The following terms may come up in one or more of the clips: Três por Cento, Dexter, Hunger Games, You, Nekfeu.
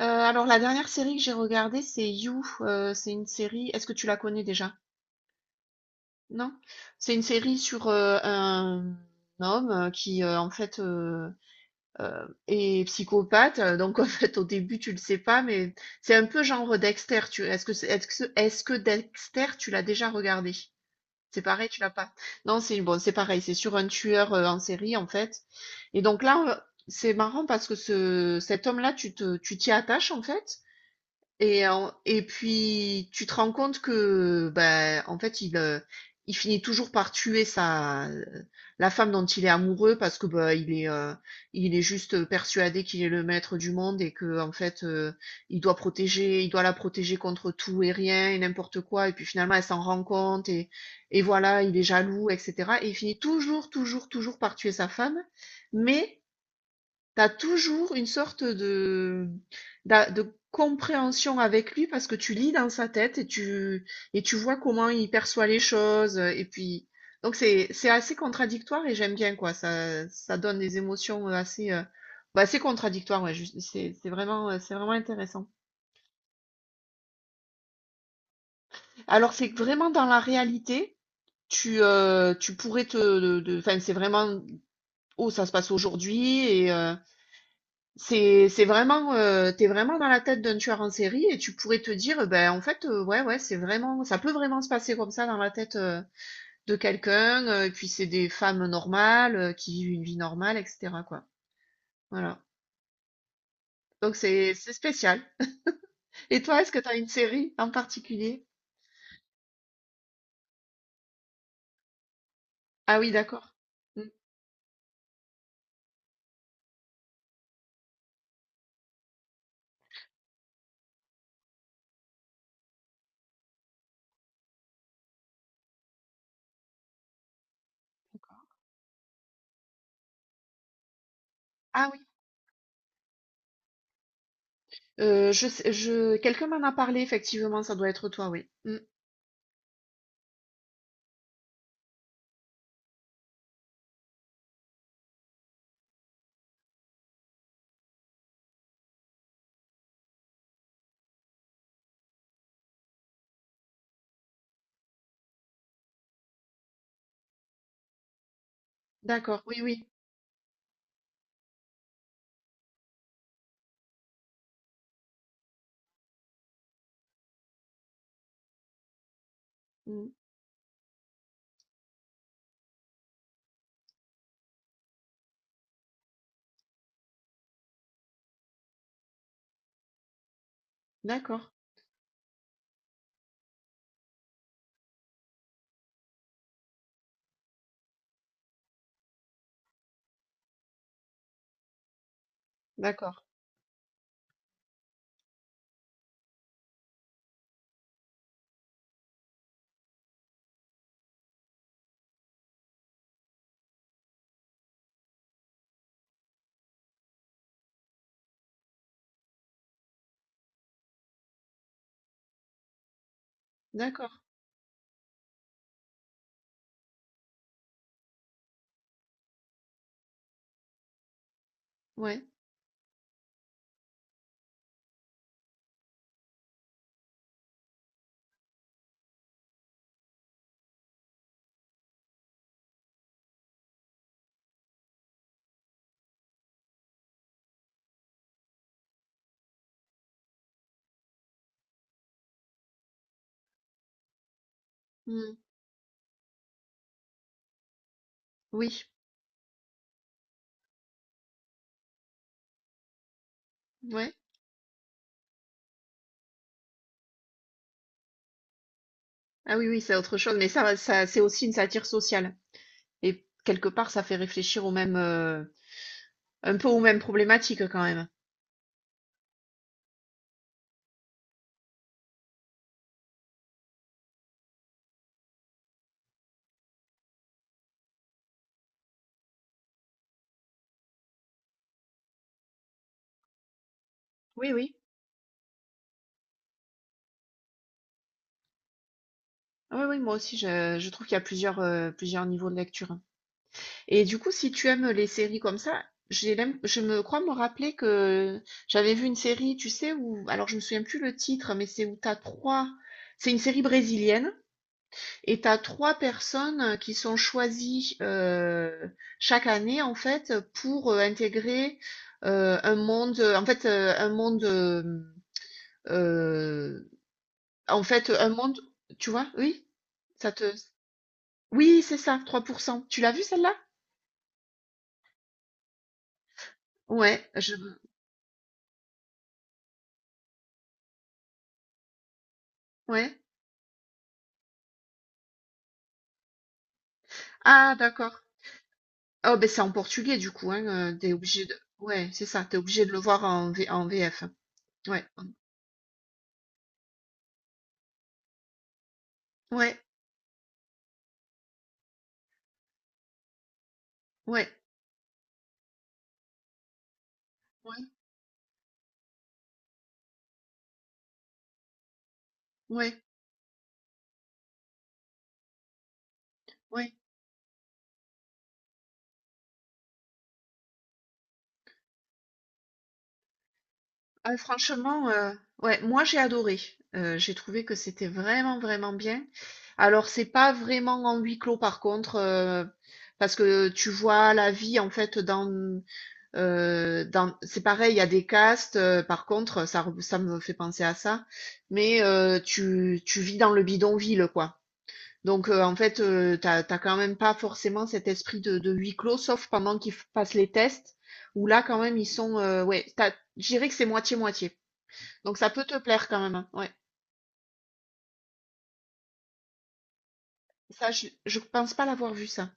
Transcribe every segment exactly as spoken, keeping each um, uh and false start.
Euh, alors la dernière série que j'ai regardée, c'est You. Euh, c'est une série. Est-ce que tu la connais déjà? Non? C'est une série sur euh, un homme euh, qui euh, en fait euh, euh, est psychopathe. Euh, Donc en fait au début tu le sais pas, mais c'est un peu genre Dexter. Tu... Est-ce que c'est- est-ce que ce- est-ce que Dexter tu l'as déjà regardé? C'est pareil, tu l'as pas. Non, c'est bon, c'est pareil. C'est sur un tueur euh, en série en fait. Et donc là, on- c'est marrant parce que ce cet homme-là, tu te tu t'y attaches en fait. Et en et puis tu te rends compte que, ben, en fait, il, heu, il finit toujours par tuer sa la femme dont il est amoureux parce que, ben il est, heu, il est juste persuadé qu'il est le maître du monde et que en fait, heu, il doit protéger il doit la protéger contre tout et rien et n'importe quoi et puis finalement, elle s'en rend compte et et voilà, il est jaloux et cetera et il finit toujours, toujours, toujours par tuer sa femme mais T'as toujours une sorte de, d'a- de compréhension avec lui parce que tu lis dans sa tête et tu, et tu vois comment il perçoit les choses. Et puis, donc c'est, c'est assez contradictoire et j'aime bien quoi. Ça, ça donne des émotions euh, assez, euh, bah, assez contradictoires. Ouais, juste- c'est, c'est vraiment, euh, c'est vraiment intéressant. Alors c'est que vraiment dans la réalité. Tu, euh, tu pourrais te, de, de- Enfin, c'est vraiment, oh, ça se passe aujourd'hui et, euh, C'est c'est vraiment, heu, tu vraiment dans la tête d'un tueur en série et tu pourrais te dire, euh, ben, en fait, heu, ouais, ouais, c'est vraiment ça peut vraiment se passer comme ça dans la tête, heu, de quelqu'un, heu et puis c'est des femmes normales, heu, qui vivent une vie normale et cetera, quoi. Voilà. Donc c'est c'est spécial. Et toi, est-ce que tu as une série en particulier? Ah oui, d'accord. Mmh. Ah oui, heu, je sais je quelqu'un m'en a parlé effectivement, ça doit être toi, oui. Mmh. D'accord, oui, oui. Mmh. D'accord, d'accord, d'accord. Ouais. Mmh. Oui. Ouais. Ah oui, oui, c'est autre chose, mais ça, ça, c'est aussi une satire sociale. Et quelque part, ça fait réfléchir au même, euh, un peu aux mêmes problématiques quand même. Oui, oui. Oui, oui, moi aussi, je, je trouve qu'il y a plusieurs, euh, plusieurs niveaux de lecture. Et du coup, si tu aimes les séries comme ça, j'ai l'im- je me crois me rappeler que j'avais vu une série, tu sais, où, alors je me souviens plus le titre, mais c'est où t'as trois, c'est une série brésilienne. Et tu as trois personnes euh, qui sont choisies euh, chaque année en fait pour euh, intégrer euh, un monde, en fait euh, un monde, euh, euh, en fait un monde, tu vois, oui, ça te, oui c'est ça, trois pour cent Tu l'as vu celle-là? Ouais, je, ouais. Ah d'accord. Oh ben c'est en portugais du coup, hein, euh, t'es obligé de, ouais c'est ça, t'es obligé de le voir en, V- en V F. Ouais, ouais, ouais, ouais, ouais, ouais. Ah, franchement, heu, ouais, moi j'ai adoré. Heu, j'ai trouvé que c'était vraiment, vraiment bien. Alors c'est pas vraiment en huis clos par contre, heu, parce que tu vois la vie en fait dans, heu, dans c'est pareil, il y a des castes, heu, par contre, ça re ça me fait penser à ça, mais heu, tu tu vis dans le bidonville, quoi. Donc heu, en fait, heu, t'as as quand même pas forcément cet esprit de de huis clos, sauf pendant qu'ils f passent les tests, où là quand même ils sont, heu, ouais, tu je dirais que c'est moitié-moitié. Donc ça peut te plaire quand même. Hein. Ouais. Ça, je, je pense pas l'avoir vu ça.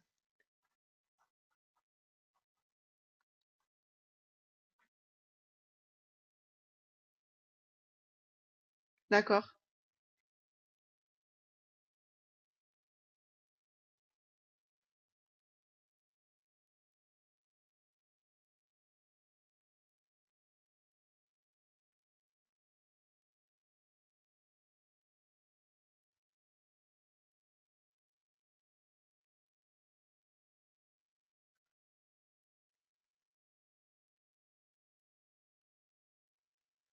D'accord.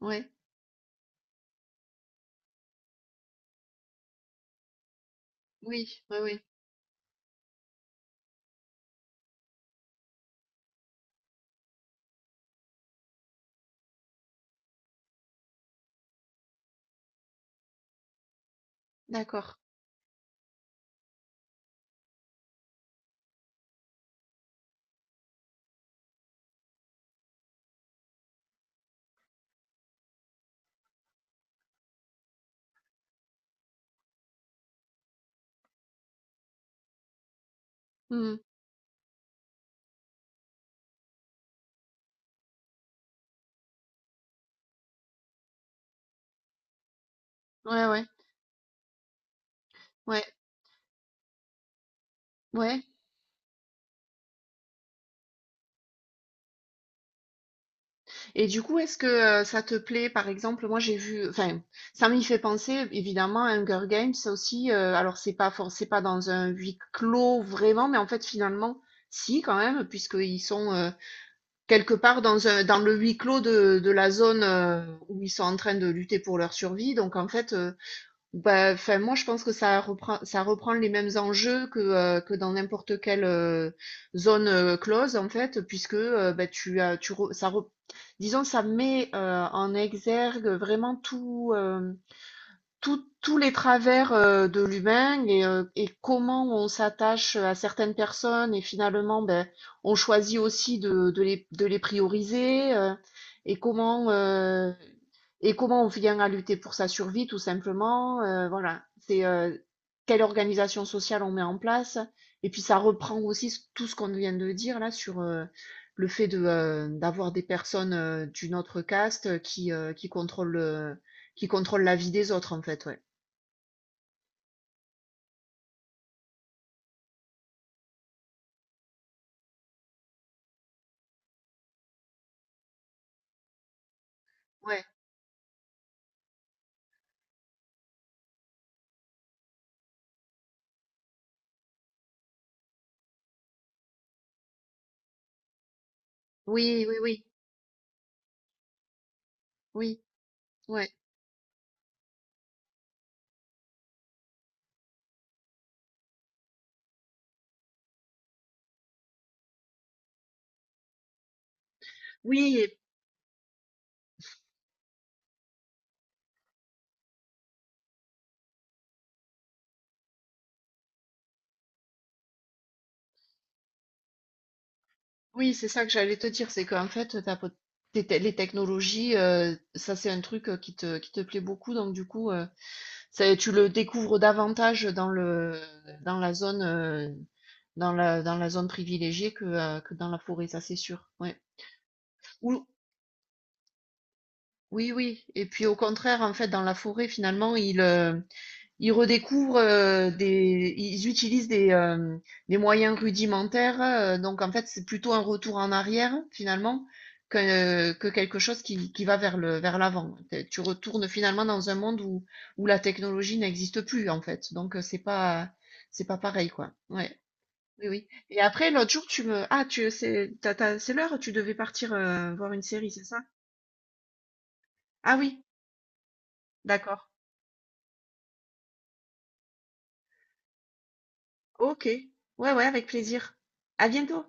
Ouais. Oui, oui, oui. D'accord. Mhm. Ouais, ouais, ouais, ouais. Et du coup, est-ce que euh, ça te plaît, par exemple, moi j'ai vu, enfin, ça m'y fait penser évidemment à Hunger Games ça aussi. euh, alors c'est pas for- c'est pas dans un huis clos vraiment, mais en fait finalement, si quand même, puisqu'ils sont euh, quelque part dans un dans le huis clos de, de la zone euh, où ils sont en train de lutter pour leur survie. Donc en fait. euh, Bah, enfin, moi, je pense que ça reprend, ça reprend les mêmes enjeux que, euh, que dans n'importe quelle euh, zone euh, close, en fait, puisque euh, bah, tu as, tu re- ça re- disons, ça met euh, en exergue vraiment tout. euh, tous tous les travers euh, de l'humain et, euh, et comment on s'attache à certaines personnes et finalement ben, on choisit aussi de, de, les, de les prioriser euh, et comment euh, et comment on vient à lutter pour sa survie tout simplement euh, voilà c'est euh, quelle organisation sociale on met en place et puis ça reprend aussi ce- tout ce qu'on vient de dire là sur euh, le fait de euh, d'avoir des personnes euh, d'une autre caste qui euh, qui contrôlent euh, qui contrôle la vie des autres, en fait, ouais. Ouais. Oui, oui, oui. Oui, ouais. Oui et oui, c'est ça que j'allais te dire, c'est qu'en fait, t'as pot tes te les technologies, heu, ça, c'est un truc, heu, qui te qui te plaît beaucoup donc du coup, heu, c'est tu le découvres davantage dans le dans la zone, heu, dans la dans la zone privilégiée que, heu, que dans la forêt, ça, c'est sûr, ouais. Ou oui, oui et puis au contraire, en fait, dans la forêt, finalement, il, euh, Ils redécouvrent euh, des, ils utilisent des, euh, des moyens rudimentaires. Euh, donc en fait, c'est plutôt un retour en arrière finalement que, euh, que quelque chose qui, qui va vers le, vers l'avant. Tu retournes finalement dans un monde où, où la technologie n'existe plus en fait. Donc euh, c'est pas, c'est pas pareil quoi. Ouais, oui, oui. Et après l'autre jour, tu me, ah tu, c'est, t'as- t'as- c'est l'heure, tu devais partir euh, voir une série, c'est ça? Ah oui, d'accord. Ok. Ouais, ouais, avec plaisir. À bientôt.